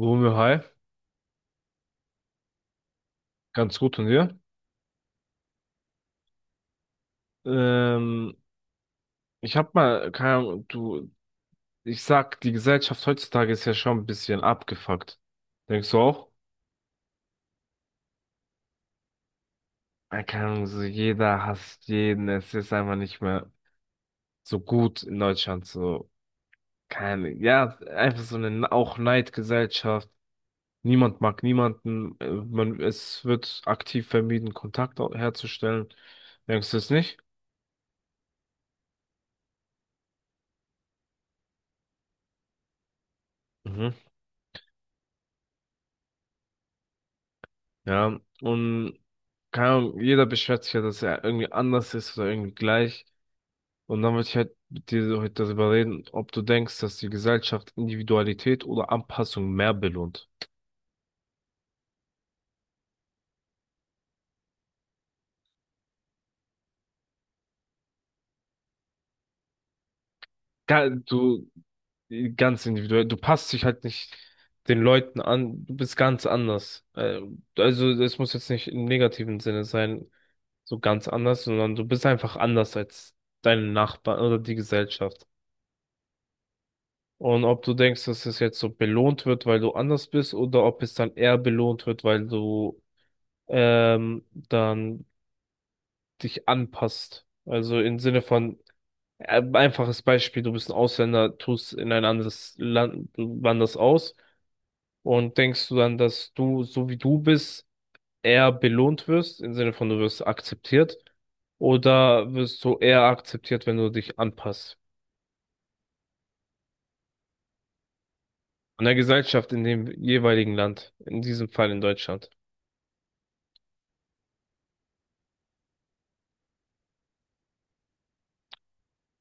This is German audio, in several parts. Romeo, hi, ganz gut und dir? Ähm, Ich hab mal, keine Ahnung, du, ich sag, die Gesellschaft heutzutage ist ja schon ein bisschen abgefuckt. Denkst du auch? Keine Ahnung, so jeder hasst jeden, es ist einfach nicht mehr so gut in Deutschland, so, keine, ja, einfach so eine auch Neidgesellschaft. Niemand mag niemanden, man, es wird aktiv vermieden, herzustellen. Denkst du es nicht? Mhm. Ja, und keine Ahnung, jeder beschwert sich ja, dass er irgendwie anders ist oder irgendwie gleich. Und dann wollte ich halt mit dir so heute darüber reden, ob du denkst, dass die Gesellschaft Individualität oder Anpassung mehr belohnt. Du, ganz individuell, du passt dich halt nicht den Leuten an, du bist ganz anders. Also, das muss jetzt nicht im negativen Sinne sein, so ganz anders, sondern du bist einfach anders als deine Nachbarn oder die Gesellschaft. Und ob du denkst, dass es jetzt so belohnt wird, weil du anders bist, oder ob es dann eher belohnt wird, weil du dann dich anpasst. Also im Sinne von, einfaches Beispiel, du bist ein Ausländer, tust in ein anderes Land, du wanderst aus und denkst du dann, dass du, so wie du bist, eher belohnt wirst, im Sinne von, du wirst akzeptiert, oder wirst du eher akzeptiert, wenn du dich anpasst? An der Gesellschaft in dem jeweiligen Land, in diesem Fall in Deutschland.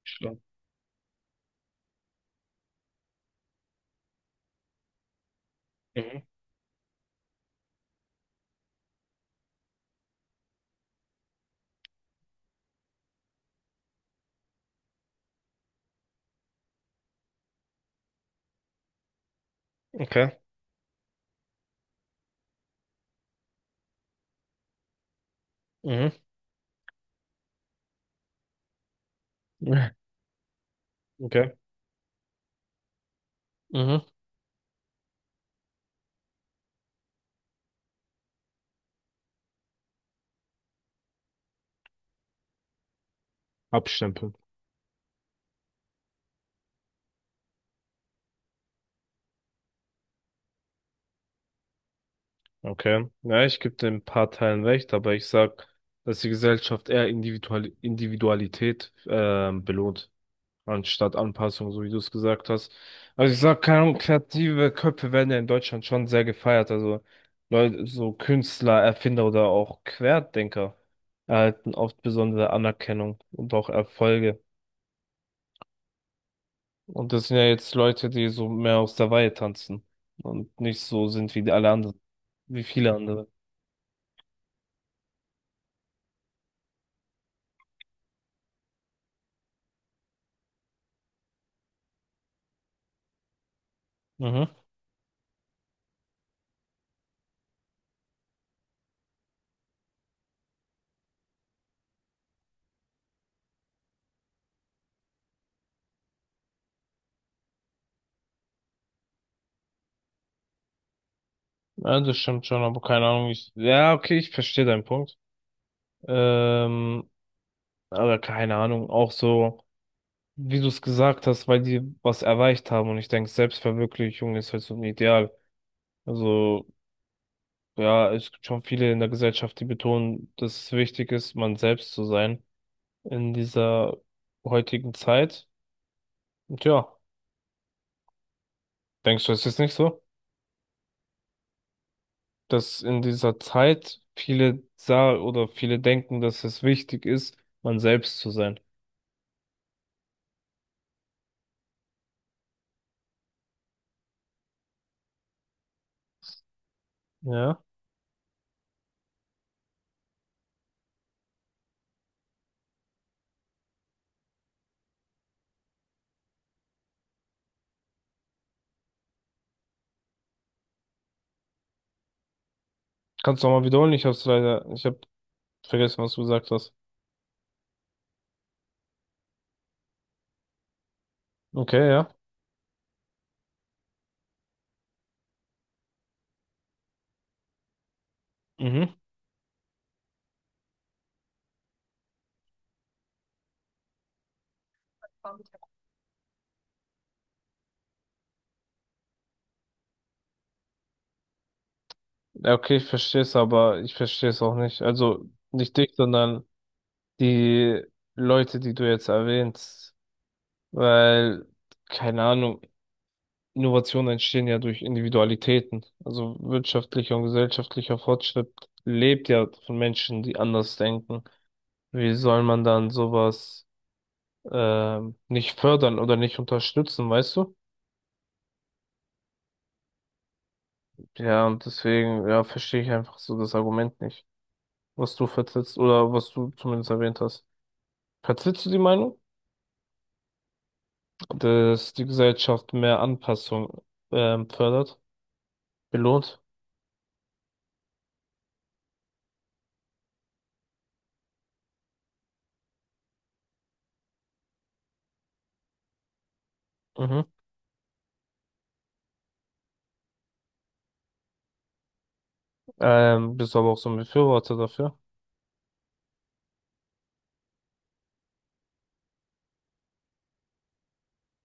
Stimmt. Okay. Mhm. Okay. Mhm. Abstempeln. Okay. Ja, ich gebe dem ein paar Teilen recht, aber ich sag, dass die Gesellschaft eher Individualität belohnt, anstatt Anpassung, so wie du es gesagt hast. Also ich sag, keine Ahnung, kreative Köpfe werden ja in Deutschland schon sehr gefeiert. Also Leute, so Künstler, Erfinder oder auch Querdenker erhalten oft besondere Anerkennung und auch Erfolge. Und das sind ja jetzt Leute, die so mehr aus der Reihe tanzen und nicht so sind wie die alle anderen, wie viele andere. Mhm. Ja, das stimmt schon, aber keine Ahnung. Ja, okay, ich verstehe deinen Punkt. Ähm, aber keine Ahnung, auch so, wie du es gesagt hast, weil die was erreicht haben und ich denke, Selbstverwirklichung ist halt so ein Ideal. Also, ja, es gibt schon viele in der Gesellschaft, die betonen, dass es wichtig ist, man selbst zu sein in dieser heutigen Zeit. Und ja, denkst du, es ist nicht so? Dass in dieser Zeit viele sah oder viele denken, dass es wichtig ist, man selbst zu sein. Ja. Kannst du nochmal wiederholen? Ich hab vergessen, was du gesagt hast. Okay, ja. Mhm. Ja, okay, ich verstehe es, aber ich verstehe es auch nicht. Also nicht dich, sondern die Leute, die du jetzt erwähnst. Weil, keine Ahnung, Innovationen entstehen ja durch Individualitäten. Also wirtschaftlicher und gesellschaftlicher Fortschritt lebt ja von Menschen, die anders denken. Wie soll man dann sowas nicht fördern oder nicht unterstützen, weißt du? Ja, und deswegen, ja, verstehe ich einfach so das Argument nicht, was du vertrittst oder was du zumindest erwähnt hast. Vertrittst du die Meinung, dass die Gesellschaft mehr Anpassung fördert, belohnt? Mhm. Bist aber auch so ein Befürworter dafür.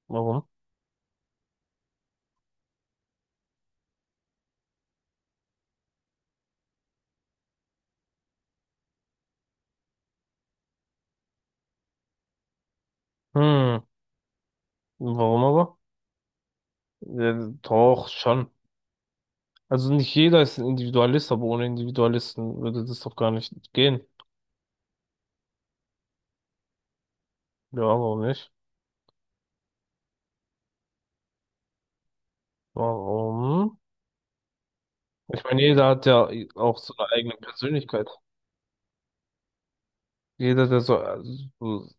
Warum? Hm, warum aber? Ja, doch, schon. Also nicht jeder ist ein Individualist, aber ohne Individualisten würde das doch gar nicht gehen. Ja, warum nicht? Warum? Ich meine, jeder hat ja auch so eine eigene Persönlichkeit. Jeder, der so, so-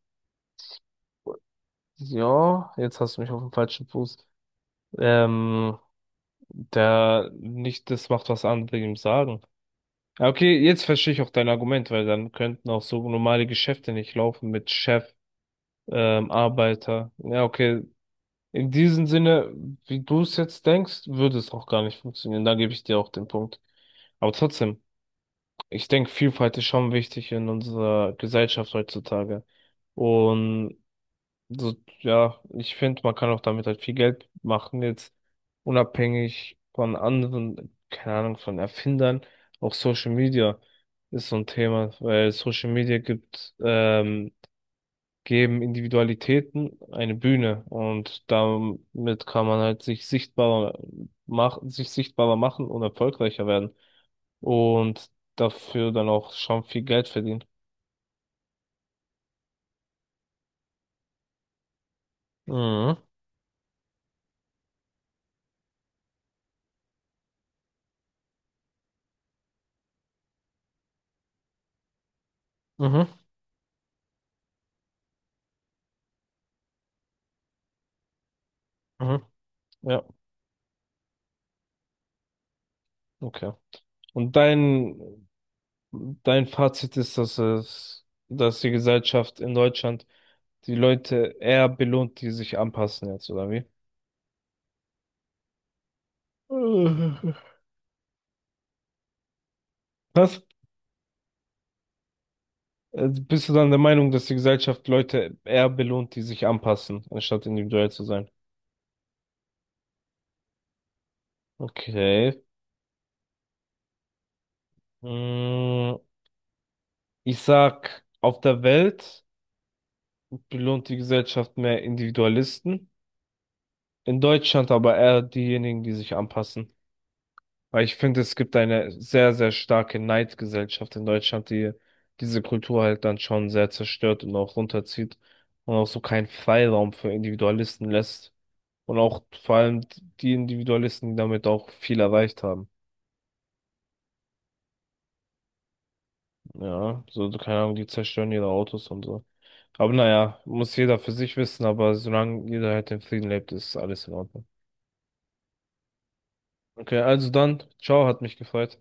ja, jetzt hast du mich auf den falschen Fuß. Ähm, Der nicht das macht, was andere ihm sagen. Ja, okay, jetzt verstehe ich auch dein Argument, weil dann könnten auch so normale Geschäfte nicht laufen mit Chef, Arbeiter. Ja, okay. In diesem Sinne, wie du es jetzt denkst, würde es auch gar nicht funktionieren. Da gebe ich dir auch den Punkt. Aber trotzdem. Ich denke, Vielfalt ist schon wichtig in unserer Gesellschaft heutzutage. Und so, ja, ich finde, man kann auch damit halt viel Geld machen, jetzt unabhängig von anderen, keine Ahnung, von Erfindern. Auch Social Media ist so ein Thema, weil geben Individualitäten eine Bühne und damit kann man halt sich sichtbarer machen und erfolgreicher werden und dafür dann auch schon viel Geld verdient. Mhm. Mhm. Mhm. Ja, okay. Und dein, dein Fazit ist, dass die Gesellschaft in Deutschland die Leute eher belohnt, die sich anpassen jetzt, oder wie? Äh. Was? Bist du dann der Meinung, dass die Gesellschaft Leute eher belohnt, die sich anpassen, anstatt individuell zu sein? Okay. Mm, ich sag, auf der Welt. Belohnt die Gesellschaft mehr Individualisten, in Deutschland aber eher diejenigen, die sich anpassen. Weil ich finde, es gibt eine sehr, sehr starke Neidgesellschaft in Deutschland, die diese Kultur halt dann schon sehr zerstört und auch runterzieht und auch so keinen Freiraum für Individualisten lässt. Und auch vor allem die Individualisten, die damit auch viel erreicht haben. Ja, so, keine Ahnung, die zerstören ihre Autos und so. Aber naja, muss jeder für sich wissen, aber solange jeder halt in Frieden lebt, ist alles in Ordnung. Okay, also dann, ciao, hat mich gefreut.